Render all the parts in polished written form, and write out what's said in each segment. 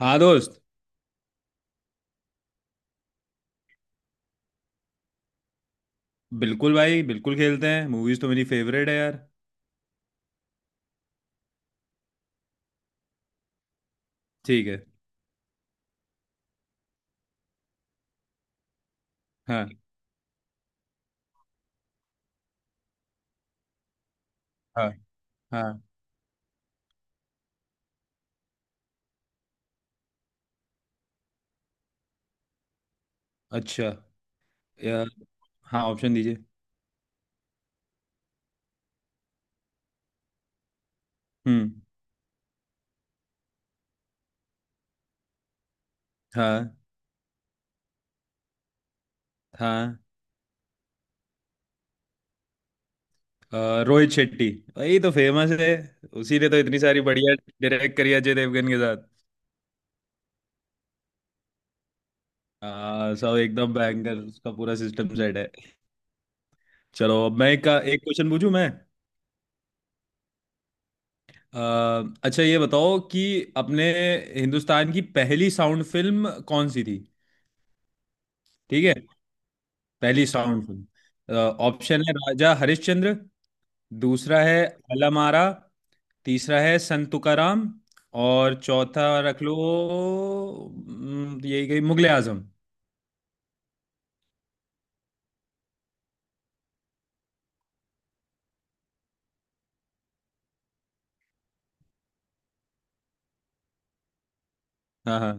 हाँ दोस्त। बिल्कुल भाई, बिल्कुल खेलते हैं। मूवीज तो मेरी फेवरेट है यार। ठीक है। हाँ। हाँ। हाँ। अच्छा। यार। हाँ, ऑप्शन दीजिए। हम्म। हाँ। हाँ। रोहित शेट्टी। यही तो फेमस है। उसी ने तो इतनी सारी बढ़िया डायरेक्ट करी अजय देवगन के साथ। हाँ, सब एकदम बैंगर, उसका पूरा सिस्टम सेट है। चलो अब मैं एक क्वेश्चन पूछूं मैं। अ, अच्छा ये बताओ कि अपने हिंदुस्तान की पहली साउंड फिल्म कौन सी थी। ठीक है। पहली साउंड सुन। ऑप्शन है राजा हरिश्चंद्र। दूसरा है अलामारा। तीसरा है संत तुकाराम। और चौथा रख लो, यही गई मुगले आजम। हाँ। हाँ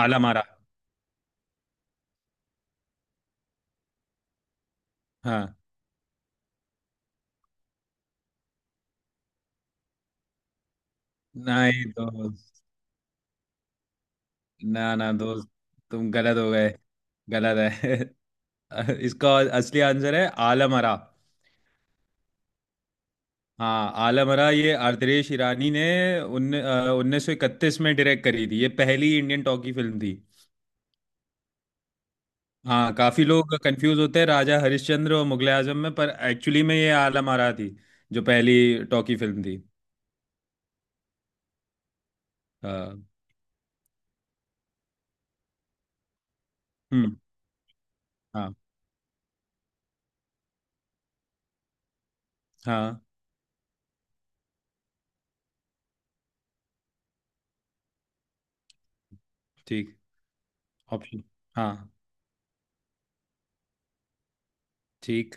आलामारा। हाँ। नहीं दोस्त। ना ना दोस्त, तुम गलत हो गए। गलत है। इसका असली आंसर है आलमरा। हाँ आलमरा, ये आर्द्रेश ईरानी ने उन्ने 1931 में डायरेक्ट करी थी। ये पहली इंडियन टॉकी फिल्म थी। हाँ, काफी लोग कंफ्यूज होते हैं राजा हरिश्चंद्र और मुगले आजम में, पर एक्चुअली में ये आलमरा थी जो पहली टॉकी फिल्म थी। हाँ। हम्म। हाँ। हाँ। ठीक। ऑप्शन। हाँ। ठीक।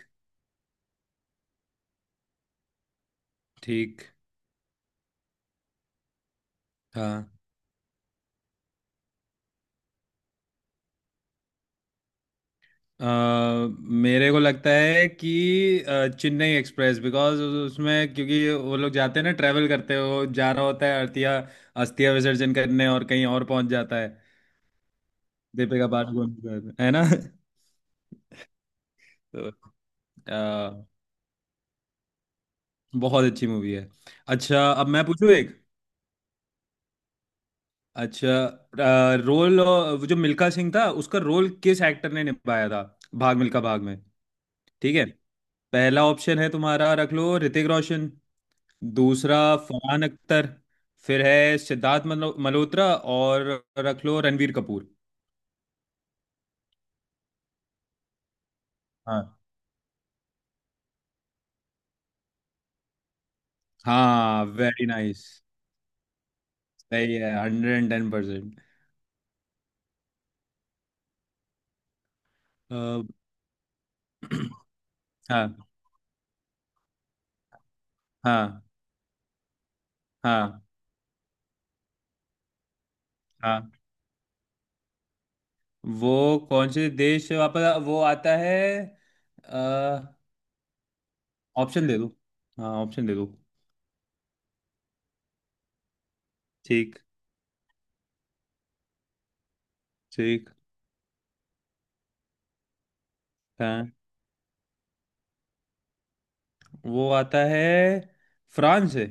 ठीक। हाँ। अ, मेरे को लगता है कि चेन्नई एक्सप्रेस, बिकॉज उसमें क्योंकि वो लोग जाते हैं ना, ट्रैवल करते हैं, वो जा रहा होता है अर्थिया अस्थिया विसर्जन करने और कहीं और पहुंच जाता है। दीपिका पादुकोण के साथ, है ना। तो अ, बहुत अच्छी मूवी है। अच्छा अब मैं पूछूं एक। अच्छा रोल, जो मिल्खा सिंह था उसका रोल किस एक्टर ने निभाया था भाग मिल्खा भाग में। ठीक है। पहला ऑप्शन है तुम्हारा, रख लो ऋतिक रोशन। दूसरा फरहान अख्तर। फिर है सिद्धार्थ मल्होत्रा। और रख लो रणवीर कपूर। हाँ। हाँ वेरी नाइस। सही है, हंड्रेड एंड टेन परसेंट। हाँ। हाँ। हाँ। हाँ। वो कौन से देश से वापस वो आता है। ऑप्शन दे दो। हाँ ऑप्शन दे दो। ठीक। ठीक। हाँ वो आता है फ्रांस से।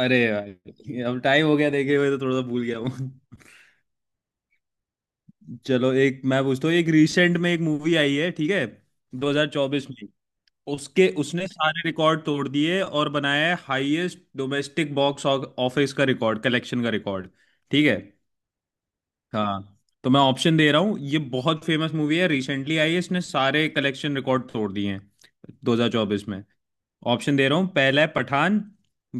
अरे भाई अब टाइम हो गया देखे हुए तो थोड़ा सा भूल गया हूँ। चलो एक मैं पूछता हूँ, एक रिसेंट में एक मूवी आई है ठीक है। 2024 में उसके उसने सारे रिकॉर्ड तोड़ दिए और बनाया है हाईएस्ट डोमेस्टिक बॉक्स ऑफिस का रिकॉर्ड, कलेक्शन का रिकॉर्ड। ठीक है। हाँ। तो मैं ऑप्शन दे रहा हूँ, ये बहुत फेमस मूवी है, रिसेंटली आई है, इसने सारे कलेक्शन रिकॉर्ड तोड़ दिए हैं 2024 में। ऑप्शन दे रहा हूँ, पहला है पठान।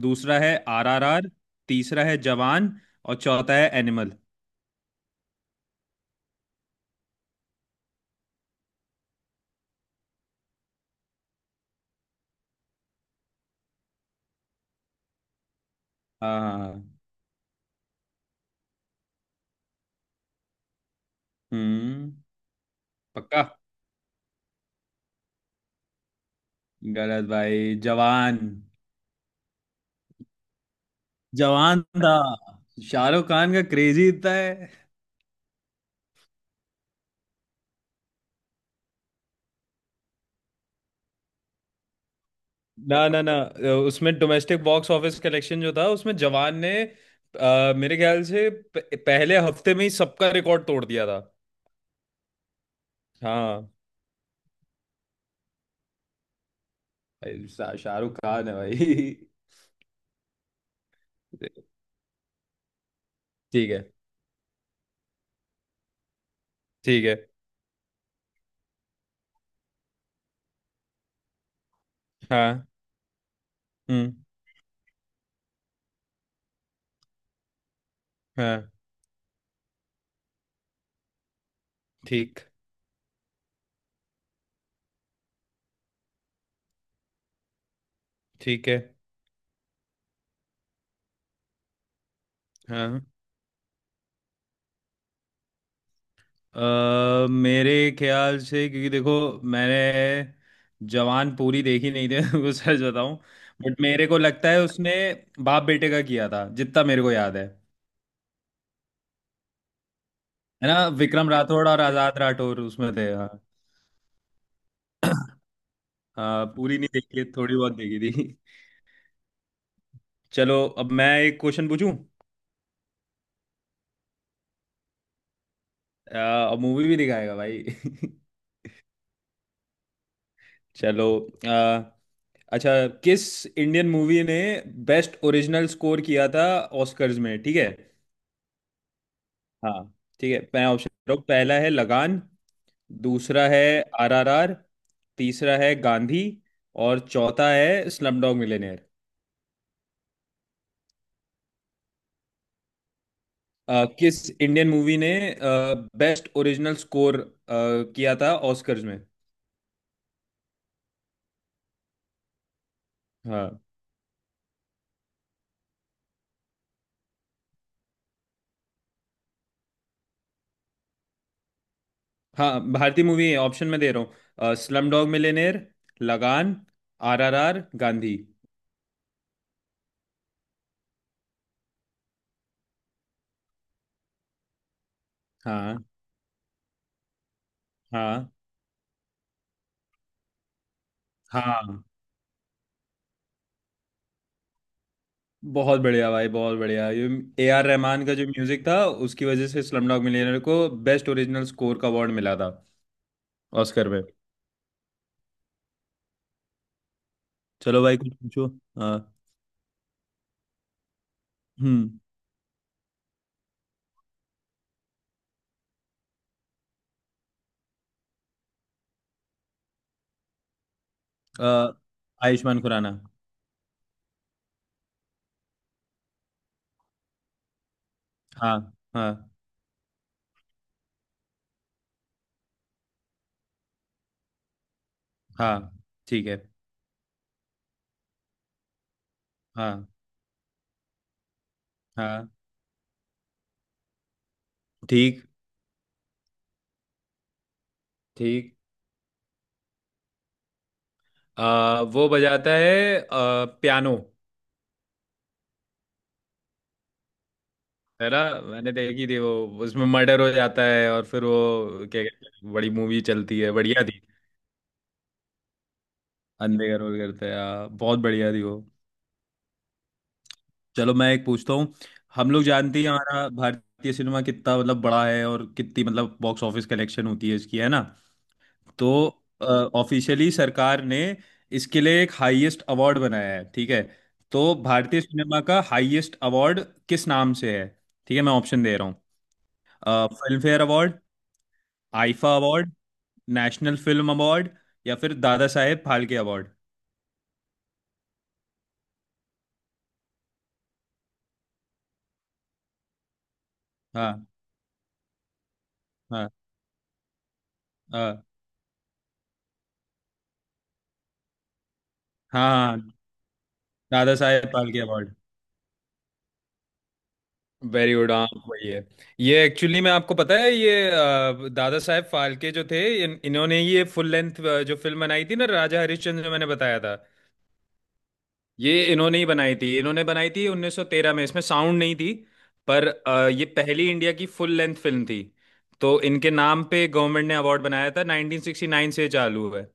दूसरा है आरआरआर। तीसरा है जवान। और चौथा है एनिमल। हाँ। हम्म। पक्का। गलत भाई, जवान। जवान था शाहरुख खान का, क्रेजी इतना है। ना ना ना, उसमें डोमेस्टिक बॉक्स ऑफिस कलेक्शन जो था उसमें जवान ने, मेरे ख्याल से पहले हफ्ते में ही सबका रिकॉर्ड तोड़ दिया था। हाँ। भाई, शाहरुख खान है भाई। ठीक है। ठीक है। हाँ। हम्म। हाँ। ठीक। ठीक है। हाँ। मेरे ख्याल से, क्योंकि देखो मैंने जवान पूरी देखी नहीं थी वो सच बताऊं। बट मेरे को लगता है उसने बाप बेटे का किया था, जितना मेरे को याद है। है ना, विक्रम राठौड़ और आजाद राठौड़ उसमें थे। हाँ। हाँ पूरी नहीं देखी है, थोड़ी बहुत देखी थी। चलो अब मैं एक क्वेश्चन पूछूं। अ, अब मूवी भी दिखाएगा भाई। चलो। अ, अच्छा किस इंडियन मूवी ने बेस्ट ओरिजिनल स्कोर किया था ऑस्कर्स में, ठीक है। हाँ। ठीक है, मैं ऑप्शन दे रहा हूँ, पहला है लगान। दूसरा है आरआरआर। तीसरा है गांधी। और चौथा है स्लमडॉग मिलियनेयर। किस इंडियन मूवी ने बेस्ट ओरिजिनल स्कोर किया था ऑस्कर्स में। हाँ। हाँ, भारतीय मूवी है ऑप्शन में दे रहा हूँ: स्लमडॉग मिलियनेयर, लगान, आरआरआर, गांधी। हाँ। हाँ। हाँ। बहुत बढ़िया भाई, बहुत बढ़िया। ये ए आर रहमान का जो म्यूजिक था उसकी वजह से स्लमडॉग मिलियनेयर को बेस्ट ओरिजिनल स्कोर का अवार्ड मिला था ऑस्कर में। चलो भाई कुछ पूछो। हाँ। हम्म। अ, आयुष्मान खुराना। हाँ। हाँ। हाँ। ठीक है। हाँ। हाँ। ठीक। ठीक। वो बजाता है पियानो। है ना। मैंने देखी थी वो, उसमें मर्डर हो जाता है और फिर वो क्या कहते हैं, बड़ी मूवी चलती है, बढ़िया थी। अंधे करोल करते हैं, हाँ, बहुत बढ़िया थी वो। चलो मैं एक पूछता हूँ। हम लोग जानते ही हैं हमारा भारतीय सिनेमा कितना मतलब बड़ा है और कितनी मतलब बॉक्स ऑफिस कलेक्शन होती है इसकी, है ना। तो ऑफिशियली सरकार ने इसके लिए एक हाईएस्ट अवार्ड बनाया है, ठीक है। तो भारतीय सिनेमा का हाईएस्ट अवार्ड किस नाम से है, ठीक है मैं ऑप्शन दे रहा हूँ: Filmfare award, IIFA award, national film award, या फिर दादा साहेब फाल्के अवार्ड। हाँ। हाँ। हाँ। हाँ। हाँ, Dada Saheb Phalke award. Very good, हाँ वही है। ये एक्चुअली, मैं आपको पता है, ये दादा साहब फाल्के जो थे, इन्होंने ही ये फुल लेंथ जो फिल्म बनाई थी ना, राजा हरिश्चंद्र, जो मैंने बताया था, ये इन्होंने ही बनाई थी। इन्होंने बनाई थी 1913 में, इसमें साउंड नहीं थी। पर ये पहली इंडिया की फुल लेंथ फिल्म थी। तो इनके नाम पे गवर्नमेंट ने अवार्ड बनाया था, 1969 से चालू है।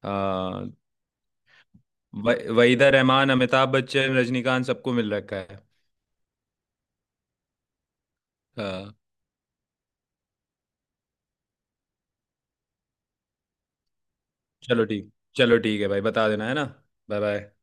अ, वहीदा रहमान, अमिताभ बच्चन, रजनीकांत सबको मिल रखा है। अ, चलो ठीक। चलो ठीक है भाई, बता देना, है ना। Bye bye.